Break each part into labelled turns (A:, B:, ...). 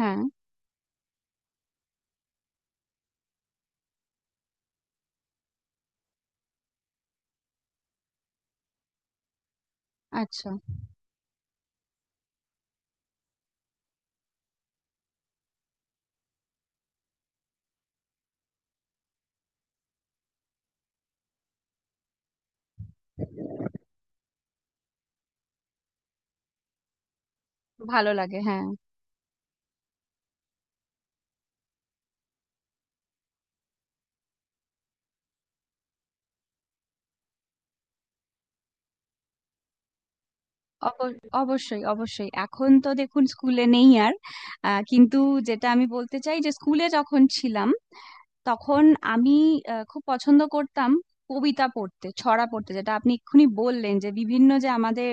A: হ্যাঁ। আচ্ছা। ভালো লাগে, হ্যাঁ। অব- অবশ্যই অবশ্যই। এখন তো দেখুন স্কুলে নেই আর। কিন্তু যেটা আমি বলতে চাই যে স্কুলে যখন ছিলাম, তখন আমি খুব পছন্দ করতাম কবিতা পড়তে, ছড়া পড়তে, যেটা আপনি এক্ষুনি বললেন, যে বিভিন্ন যে আমাদের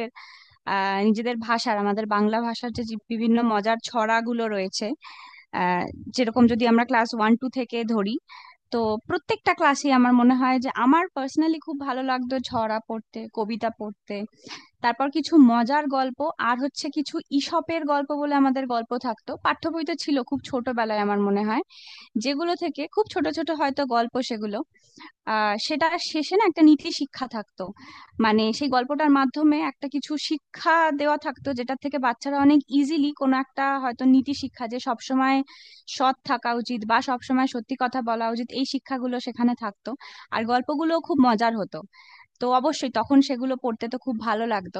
A: নিজেদের ভাষার, আমাদের বাংলা ভাষার যে যে বিভিন্ন মজার ছড়াগুলো রয়েছে। আহ, যেরকম যদি আমরা ক্লাস 1 2 থেকে ধরি, তো প্রত্যেকটা ক্লাসে আমার মনে হয় যে আমার পার্সোনালি খুব ভালো লাগতো ছড়া পড়তে, কবিতা পড়তে। তারপর কিছু মজার গল্প, আর হচ্ছে কিছু ইসপের গল্প বলে আমাদের গল্প থাকতো, পাঠ্য বইতে ছিল খুব ছোটবেলায় আমার মনে হয়, যেগুলো থেকে খুব ছোট ছোট হয়তো গল্প, সেগুলো সেটা শেষে না একটা নীতি শিক্ষা থাকতো। মানে সেই গল্পটার মাধ্যমে একটা কিছু শিক্ষা দেওয়া থাকতো, যেটা থেকে বাচ্চারা অনেক ইজিলি কোনো একটা হয়তো নীতি শিক্ষা, যে সবসময় সৎ থাকা উচিত বা সবসময় সত্যি কথা বলা উচিত, এই শিক্ষাগুলো সেখানে থাকতো। আর গল্পগুলো খুব মজার হতো, তো অবশ্যই তখন সেগুলো পড়তে তো খুব ভালো লাগতো।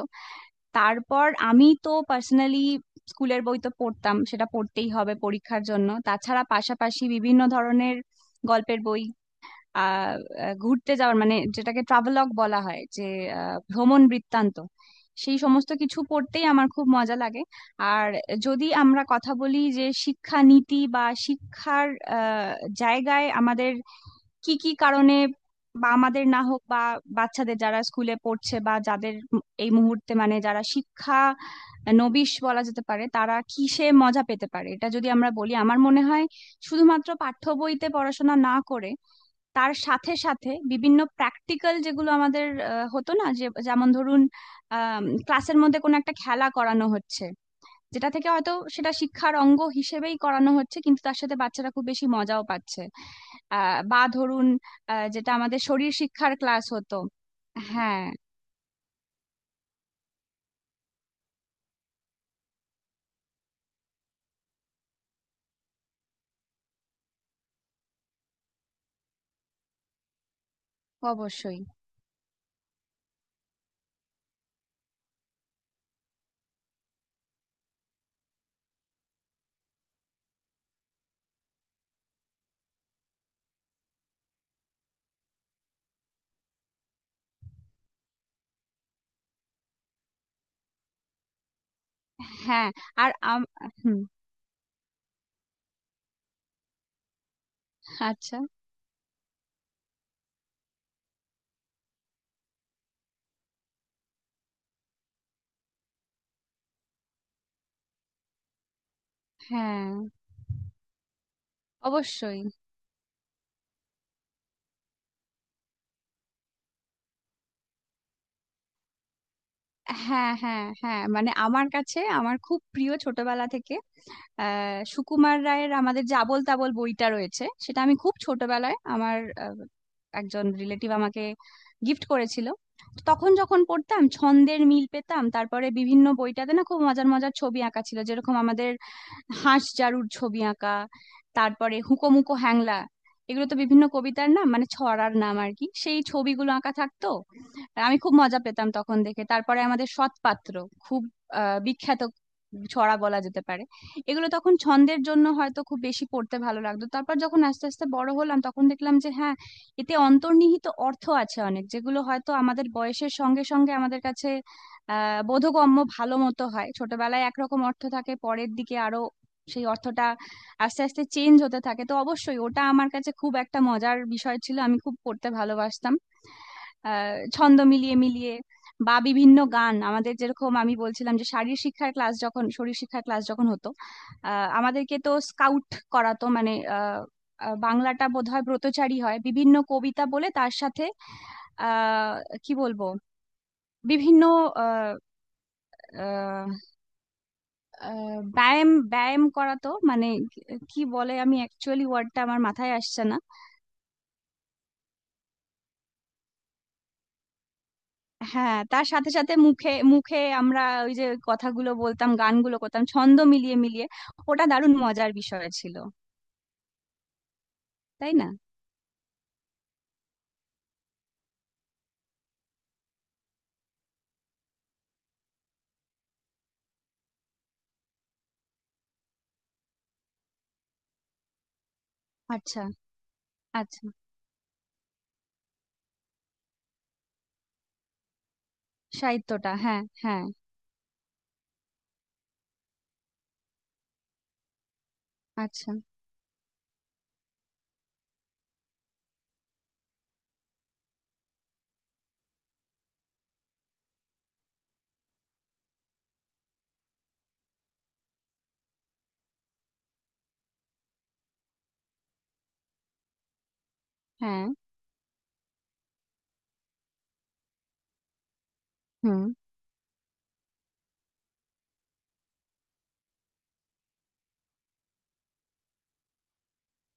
A: তারপর আমি তো পার্সোনালি স্কুলের বই তো পড়তাম, সেটা পড়তেই হবে পরীক্ষার জন্য, তাছাড়া পাশাপাশি বিভিন্ন ধরনের গল্পের বই, আহ আহ, ঘুরতে যাওয়ার, মানে যেটাকে ট্রাভেলগ বলা হয়, যে ভ্রমণ বৃত্তান্ত, সেই সমস্ত কিছু পড়তেই আমার খুব মজা লাগে। আর যদি আমরা কথা বলি যে শিক্ষা নীতি বা শিক্ষার আহ, জায়গায় আমাদের কি কি কারণে, বা আমাদের না হোক, বা বাচ্চাদের যারা স্কুলে পড়ছে বা যাদের এই মুহূর্তে, মানে যারা শিক্ষা নবিশ বলা যেতে পারে, তারা কিসে মজা পেতে পারে, এটা যদি আমরা বলি, আমার মনে হয় শুধুমাত্র পাঠ্য বইতে পড়াশোনা না করে তার সাথে সাথে বিভিন্ন প্র্যাকটিক্যাল, যেগুলো আমাদের হতো না। যে যেমন ধরুন, ক্লাসের মধ্যে কোনো একটা খেলা করানো হচ্ছে, যেটা থেকে হয়তো সেটা শিক্ষার অঙ্গ হিসেবেই করানো হচ্ছে, কিন্তু তার সাথে বাচ্চারা খুব বেশি মজাও পাচ্ছে। বা ধরুন, যেটা আমাদের শরীর শিক্ষার ক্লাস হতো। হ্যাঁ। অবশ্যই। হ্যাঁ। আর হুম। আচ্ছা। হ্যাঁ। অবশ্যই। হ্যাঁ, হ্যাঁ, হ্যাঁ, মানে আমার কাছে আমার খুব প্রিয় ছোটবেলা থেকে সুকুমার রায়ের আমাদের যে আবোল তাবোল বইটা রয়েছে, সেটা আমি খুব ছোটবেলায় আমার আহ, একজন রিলেটিভ আমাকে গিফট করেছিল। তো তখন যখন পড়তাম, ছন্দের মিল পেতাম, তারপরে বিভিন্ন বইটাতে না খুব মজার মজার ছবি আঁকা ছিল। যেরকম আমাদের হাঁস জারুর ছবি আঁকা, তারপরে হুকোমুকো হ্যাংলা, এগুলো তো বিভিন্ন কবিতার নাম, মানে ছড়ার নাম আর কি, সেই ছবিগুলো আঁকা থাকতো। আমি খুব মজা পেতাম তখন দেখে। তারপরে আমাদের সৎপাত্র, খুব বিখ্যাত ছড়া বলা যেতে পারে। এগুলো তখন ছন্দের জন্য হয়তো খুব বেশি পড়তে ভালো লাগতো। তারপর যখন আস্তে আস্তে বড় হলাম, তখন দেখলাম যে হ্যাঁ, এতে অন্তর্নিহিত অর্থ আছে অনেক, যেগুলো হয়তো আমাদের বয়সের সঙ্গে সঙ্গে আমাদের কাছে বোধগম্য ভালো মতো হয়। ছোটবেলায় একরকম অর্থ থাকে, পরের দিকে আরো সেই অর্থটা আস্তে আস্তে চেঞ্জ হতে থাকে। তো অবশ্যই ওটা আমার কাছে খুব একটা মজার বিষয় ছিল, আমি খুব পড়তে ভালোবাসতাম ছন্দ মিলিয়ে মিলিয়ে। বা বিভিন্ন গান আমাদের, যেরকম আমি বলছিলাম যে শারীর শিক্ষার ক্লাস যখন শরীর শিক্ষার ক্লাস যখন হতো, আমাদেরকে তো স্কাউট করাতো, মানে আহ আহ, বাংলাটা বোধহয় ব্রতচারী হয়, বিভিন্ন কবিতা বলে তার সাথে। আহ কি বলবো, বিভিন্ন আহ, আহ, আহ, ব্যায়াম ব্যায়াম করাতো, মানে কি বলে, আমি অ্যাকচুয়ালি ওয়ার্ডটা আমার মাথায় আসছে না। হ্যাঁ, তার সাথে সাথে মুখে মুখে আমরা ওই যে কথাগুলো বলতাম, গানগুলো করতাম ছন্দ মিলিয়ে মিলিয়ে। ওটা দারুণ মজার বিষয় ছিল, তাই না? আচ্ছা। আচ্ছা। সাহিত্যটা, হ্যাঁ, হ্যাঁ। আচ্ছা। হ্যাঁ। হুম।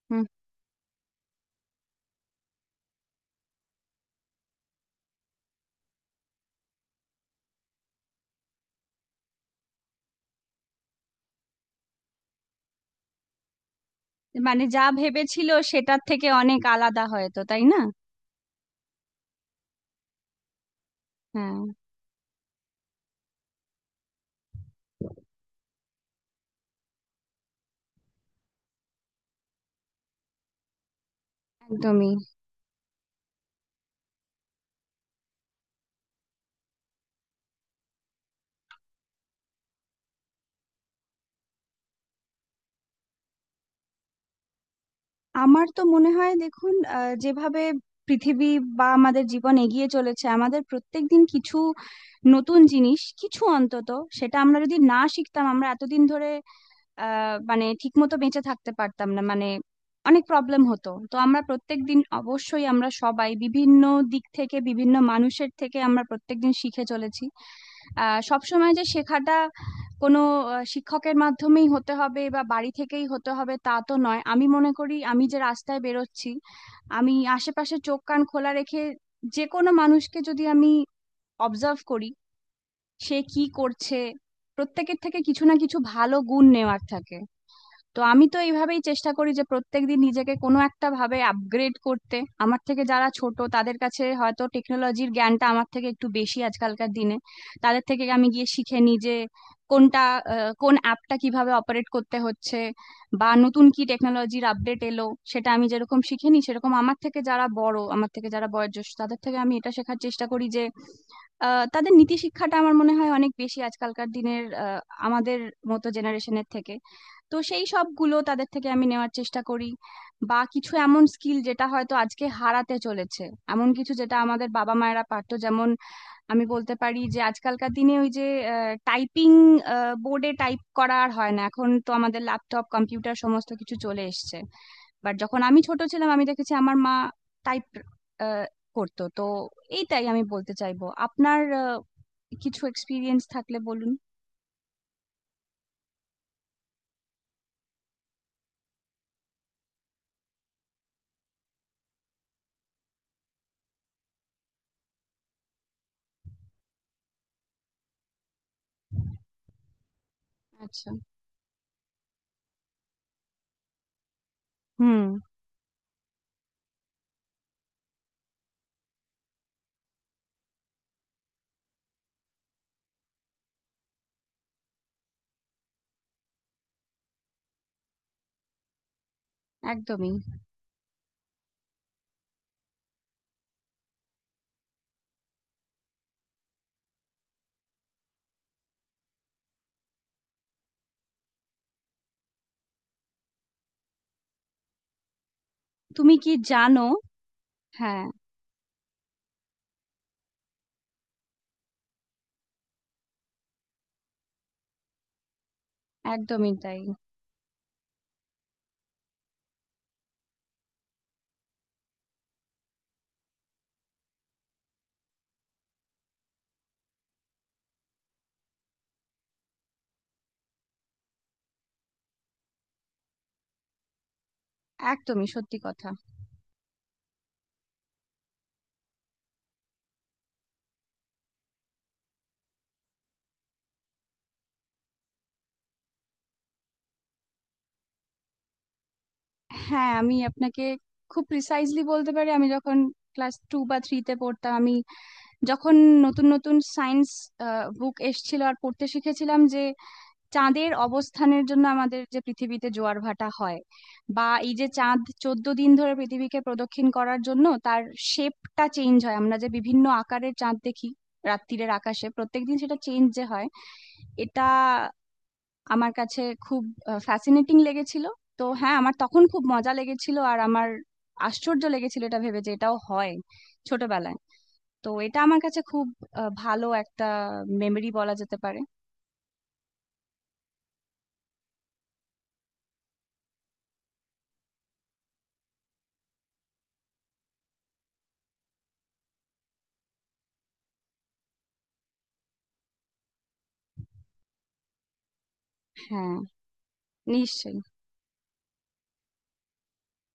A: হুম। মানে যা ভেবেছিল সেটার থেকে অনেক আলাদা, হয়তো তাই না? হ্যাঁ। একদমই। আমার তো মনে হয় দেখুন, যেভাবে পৃথিবী বা আমাদের জীবন এগিয়ে চলেছে, আমাদের প্রত্যেক দিন কিছু নতুন জিনিস কিছু অন্তত, সেটা আমরা যদি না শিখতাম, আমরা এতদিন ধরে মানে ঠিকমতো বেঁচে থাকতে পারতাম না, মানে অনেক প্রবলেম হতো। তো আমরা প্রত্যেক দিন অবশ্যই, আমরা সবাই বিভিন্ন দিক থেকে বিভিন্ন মানুষের থেকে আমরা প্রত্যেকদিন শিখে চলেছি। সবসময় যে শেখাটা কোনো শিক্ষকের মাধ্যমেই হতে হবে বা বাড়ি থেকেই হতে হবে, তা তো নয়। আমি মনে করি আমি যে রাস্তায় বেরোচ্ছি, আমি আশেপাশে চোখ কান খোলা রেখে যে কোনো মানুষকে যদি আমি অবজার্ভ করি, সে কি করছে, প্রত্যেকের থেকে কিছু না কিছু ভালো গুণ নেওয়ার থাকে। তো আমি তো এইভাবেই চেষ্টা করি যে প্রত্যেকদিন নিজেকে কোনো একটা ভাবে আপগ্রেড করতে। আমার থেকে যারা ছোট, তাদের কাছে হয়তো টেকনোলজির জ্ঞানটা আমার থেকে একটু বেশি আজকালকার দিনে, তাদের থেকে আমি গিয়ে শিখে নিই যে কোনটা, কোন অ্যাপটা কিভাবে অপারেট করতে হচ্ছে, বা নতুন কি টেকনোলজির আপডেট এলো। সেটা আমি যেরকম শিখে নিই, সেরকম আমার থেকে যারা বড়, আমার থেকে যারা বয়োজ্যেষ্ঠ, তাদের থেকে আমি এটা শেখার চেষ্টা করি যে তাদের নীতি শিক্ষাটা আমার মনে হয় অনেক বেশি আজকালকার দিনের আমাদের মতো জেনারেশনের থেকে। তো সেই সবগুলো তাদের থেকে আমি নেওয়ার চেষ্টা করি, বা কিছু এমন স্কিল যেটা হয়তো আজকে হারাতে চলেছে, এমন কিছু যেটা আমাদের বাবা মায়েরা পারতো। যেমন আমি বলতে পারি, যে আজকালকার দিনে ওই যে টাইপিং, বোর্ডে টাইপ করা আর হয় না, এখন তো আমাদের ল্যাপটপ কম্পিউটার সমস্ত কিছু চলে এসছে। বাট যখন আমি ছোট ছিলাম, আমি দেখেছি আমার মা টাইপ করতো। তো এইটাই আমি বলতে চাইবো, আপনার কিছু এক্সপিরিয়েন্স থাকলে বলুন। আচ্ছা। হুম। একদমই। তুমি কি জানো? হ্যাঁ। একদমই তাই। একদমই সত্যি কথা। হ্যাঁ আমি আপনাকে খুব প্রিসাইজলি বলতে পারি, আমি যখন ক্লাস 2 বা 3-এ পড়তাম, আমি যখন নতুন নতুন সায়েন্স বুক এসেছিল আর পড়তে শিখেছিলাম, যে চাঁদের অবস্থানের জন্য আমাদের যে পৃথিবীতে জোয়ার ভাটা হয়, বা এই যে চাঁদ 14 দিন ধরে পৃথিবীকে প্রদক্ষিণ করার জন্য তার শেপটা চেঞ্জ হয়, আমরা যে বিভিন্ন আকারের চাঁদ দেখি রাত্তিরের আকাশে, প্রত্যেকদিন সেটা চেঞ্জ যে হয়, এটা আমার কাছে খুব ফ্যাসিনেটিং লেগেছিল। তো হ্যাঁ, আমার তখন খুব মজা লেগেছিল আর আমার আশ্চর্য লেগেছিল এটা ভেবে যে এটাও হয় ছোটবেলায়। তো এটা আমার কাছে খুব ভালো একটা মেমরি বলা যেতে পারে। হ্যাঁ, নিশ্চয়ই।